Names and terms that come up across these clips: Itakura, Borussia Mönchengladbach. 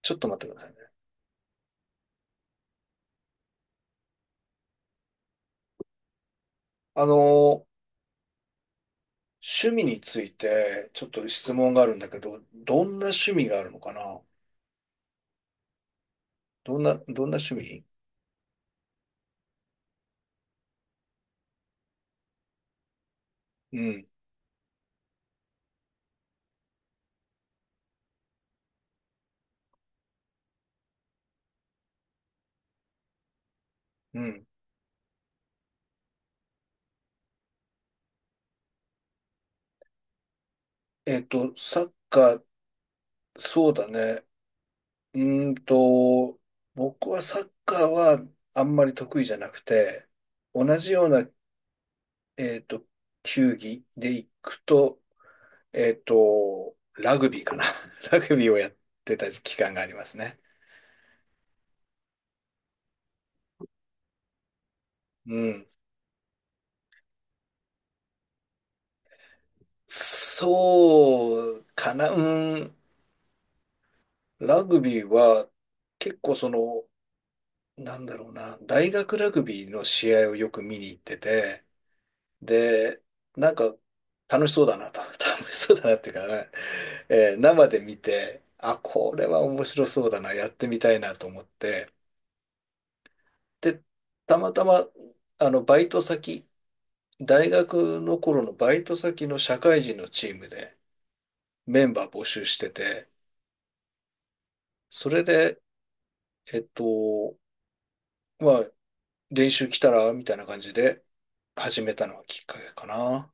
ちょっと待ってくださいね。あのー、趣味について、ちょっと質問があるんだけど、どんな趣味があるのかな？どんな趣味？うん、うん。サッカー、そうだね。うーんと、僕はサッカーはあんまり得意じゃなくて、同じような、えっと、球技で行くと、ラグビーかな。ラグビーをやってた期間がありますね。うん。そうかな、うん、ラグビーは結構その、なんだろうな、大学ラグビーの試合をよく見に行ってて、で、なんか楽しそうだなと、楽しそうだなっていうかね、生で見て、あ、これは面白そうだな、やってみたいなと思って、で、たまたま、あの、バイト先、大学の頃のバイト先の社会人のチームでメンバー募集してて、それで、えっと、まあ、練習来たらみたいな感じで始めたのがきっかけかな。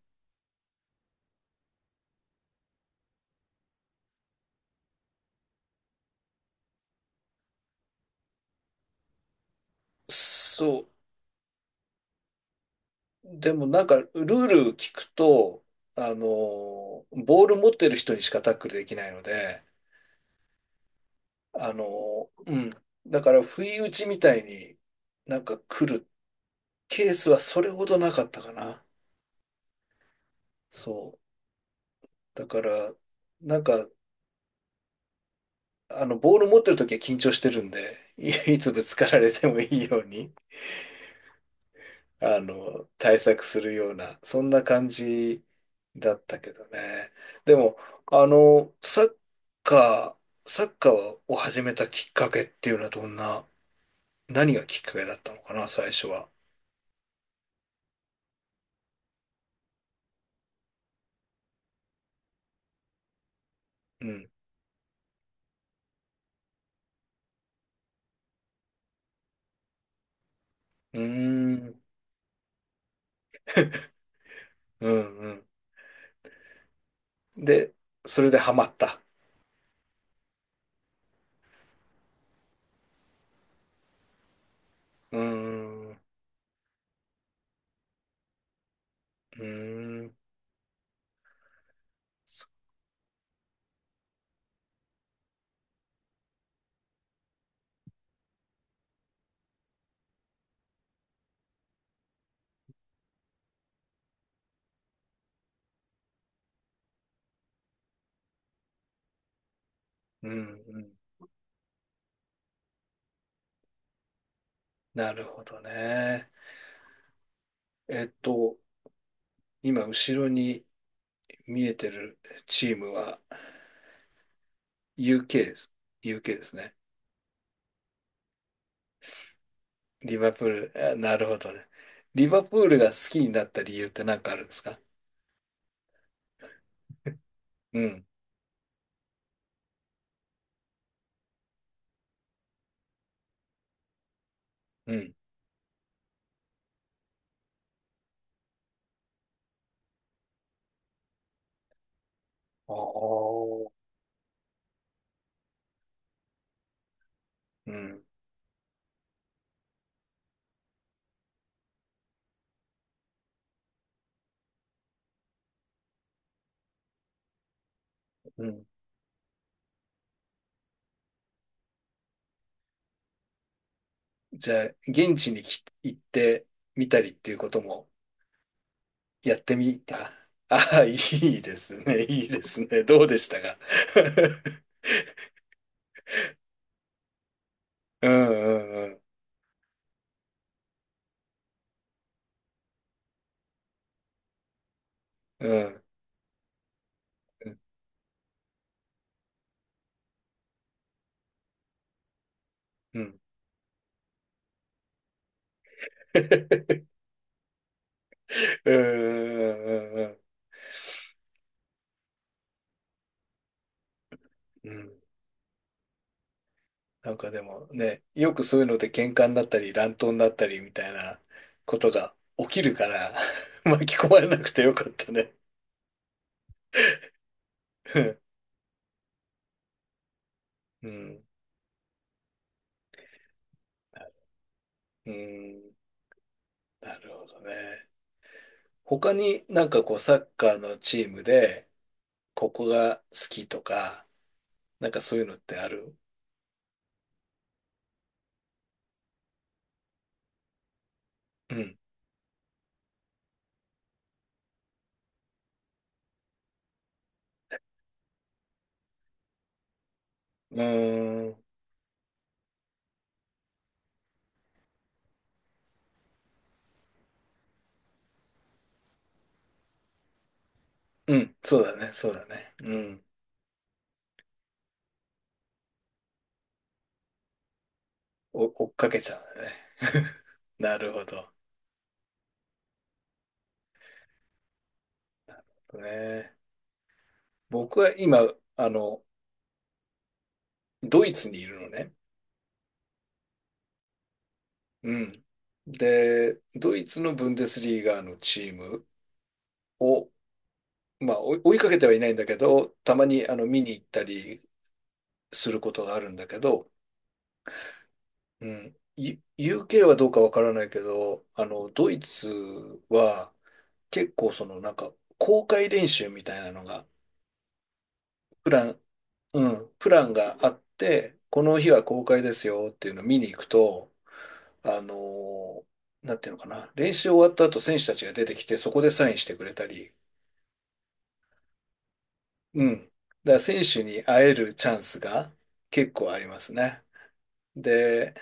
そう。でもなんか、ルール聞くと、あの、ボール持ってる人にしかタックルできないので、あの、うん。だから、不意打ちみたいになんか来るケースはそれほどなかったかな。そう。だから、なんか、あの、ボール持ってる時は緊張してるんで、つぶつかられてもいいように。あの、対策するような、そんな感じだったけどね。でも、あの、カサッカーを始めたきっかけっていうのはどんな、何がきっかけだったのかな、最初は。うん。うーん。うんうん。で、それでハマった。うーん。うーん。うんうん。なるほどね。えっと、今、後ろに見えてるチームは UK です。UK ですね。リバプール、あなるほどね。リバプールが好きになった理由って何かあるんですか？うん、うん、ああ、うん、うん。じゃあ、現地に行ってみたりっていうこともやってみた。ああ、いいですね、いいですね。どうでしたか？ うん、うん、うん、うん、うん、うん、うん、うん、うん、うん。うん なんかでもね、よくそういうので喧嘩になったり乱闘になったりみたいなことが起きるから 巻き込まれなくてよかったね。うん。うん。なるほどね。他になんかこうサッカーのチームでここが好きとか、なんかそういうのってある？うん。うーん。うん。そうだね。そうだね。うん。追っかけちゃうんだね。なるほど。ね。僕は今、あの、ドイツにいるのね。うん。で、ドイツのブンデスリーガのチームを、まあ、追いかけてはいないんだけど、たまにあの見に行ったりすることがあるんだけど、うん、UK はどうかわからないけど、あの、ドイツは結構そのなんか公開練習みたいなのが、プラン、うん、プランがあって、この日は公開ですよっていうのを見に行くと、あの、なんていうのかな、練習終わった後選手たちが出てきてそこでサインしてくれたり、うん。だから選手に会えるチャンスが結構ありますね。で、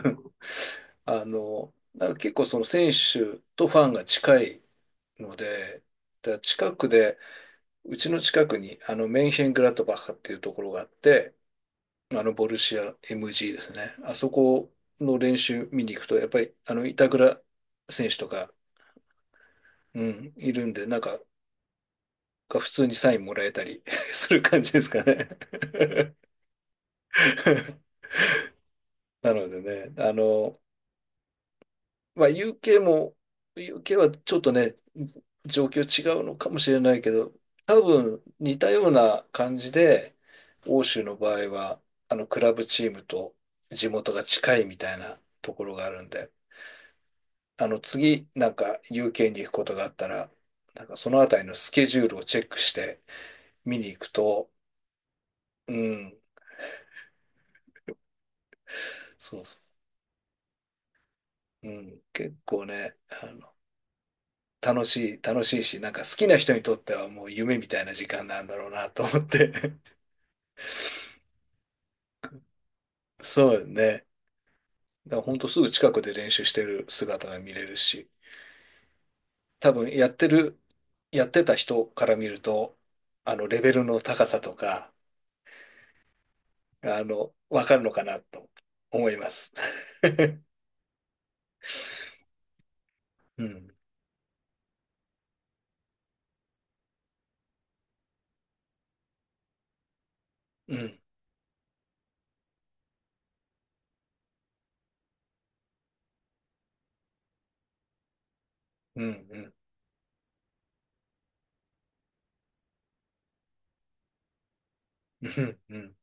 あの、だから結構その選手とファンが近いので、だから近くで、うちの近くにあのメンヘングラートバッハっていうところがあって、あのボルシア MG ですね。あそこの練習見に行くと、やっぱりあの板倉選手とか、うん、いるんで、なんか普通にサインもらえたり する感じですかね。なのでね、あの、まあ、UK も、UK はちょっとね、状況違うのかもしれないけど、多分似たような感じで、欧州の場合は、あの、クラブチームと地元が近いみたいなところがあるんで、あの、次、なんか UK に行くことがあったら、なんかそのあたりのスケジュールをチェックして見に行くと、うん、そうそう、うん、結構ね、あの楽しいし、なんか好きな人にとってはもう夢みたいな時間なんだろうなと思って。そうよね。だからほんとすぐ近くで練習してる姿が見れるし、多分やってた人から見ると、あの、レベルの高さとか、あの、わかるのかなと思います。うん、うん、うん、うん、うん、うん、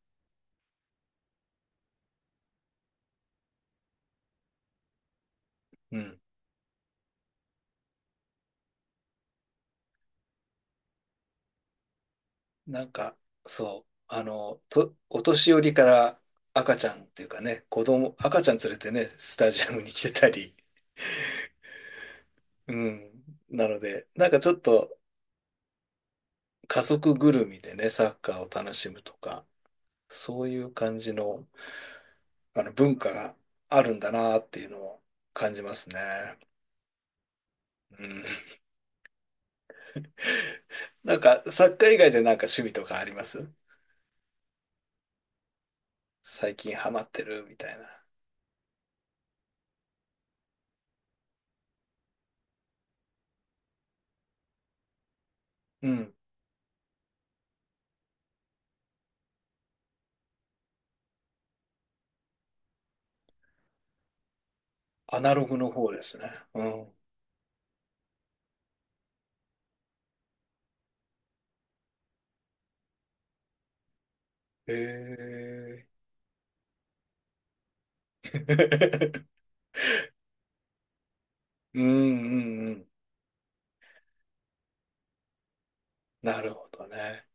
うん。なんか、そう、あの、お年寄りから赤ちゃんっていうかね、赤ちゃん連れてね、スタジアムに来てたり、うん。なので、なんかちょっと家族ぐるみでね、サッカーを楽しむとか、そういう感じの、あの文化があるんだなっていうのを感じますね。うん。なんかサッカー以外でなんか趣味とかあります？最近ハマってるみたいな。うん。アナログの方ですね。うん。へえ。うんうんうん。なるほどね。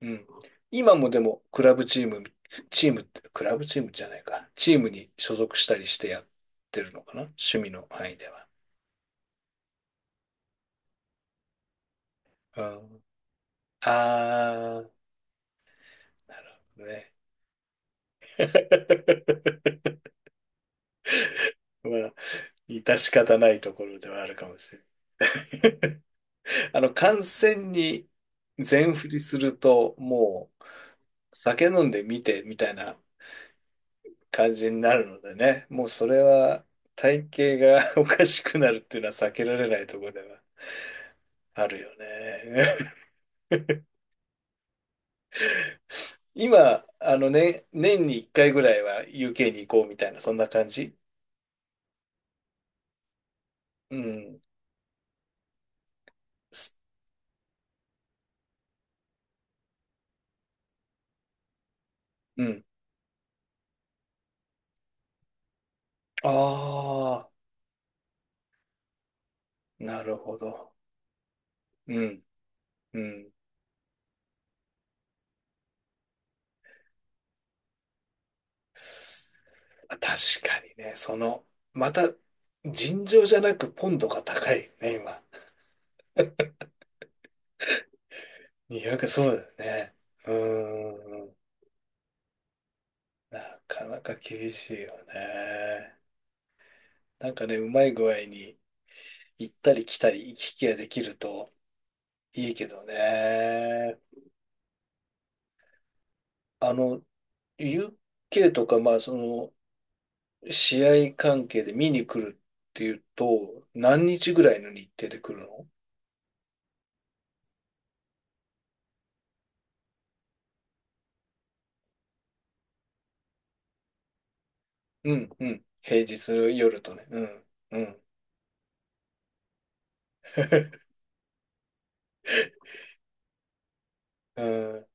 うん。今もでも、クラブチーム、チームって、クラブチームじゃないか。チームに所属したりしてやってるのかな？趣味の範囲では。うん。あー、なるほどね。まあ、致し方ないところではあるかもしれない。あの、観戦に全振りすると、もう、酒飲んで見てみたいな感じになるのでね、もうそれは体型が おかしくなるっていうのは避けられないところではあるよね。今、あのね、年に1回ぐらいは UK に行こうみたいな、そんな感じ？うん。すうん。ああ、なるほど。うん、うん。す確かにね、その、また、尋常じゃなくポンドが高いね、今。200、そうだよね。うーん。なかなか厳しいよね。なんかね、うまい具合に行ったり来たり行き来ができるといいけどね。あの、UK とか、まあ、その、試合関係で見に来るっていうと、何日ぐらいの日程で来るの？うん、うん。平日の夜とね。うん、うん。うん、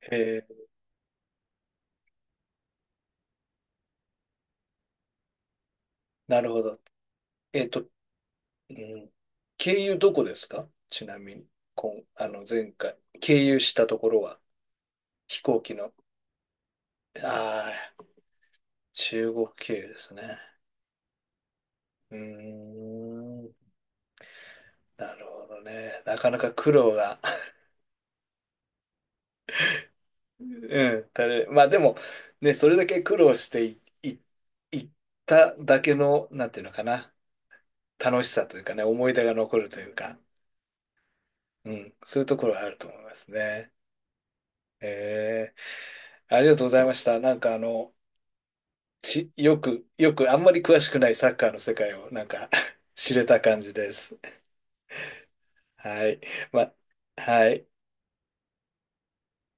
へえ、なるほど。えっと、うん、経由どこですか？ちなみに、あの、前回、経由したところは、飛行機の、ああ、中国経由ですね。うーん、なるほどね。なかなか苦労がうん、まあでも、ね、それだけ苦労してい、い、いっただけの、なんていうのかな、楽しさというかね、思い出が残るというか、うん、そういうところはあると思いますね。えありがとうございました。なんかあの、よく、あんまり詳しくないサッカーの世界を、なんか 知れた感じです。はい。ま、はい。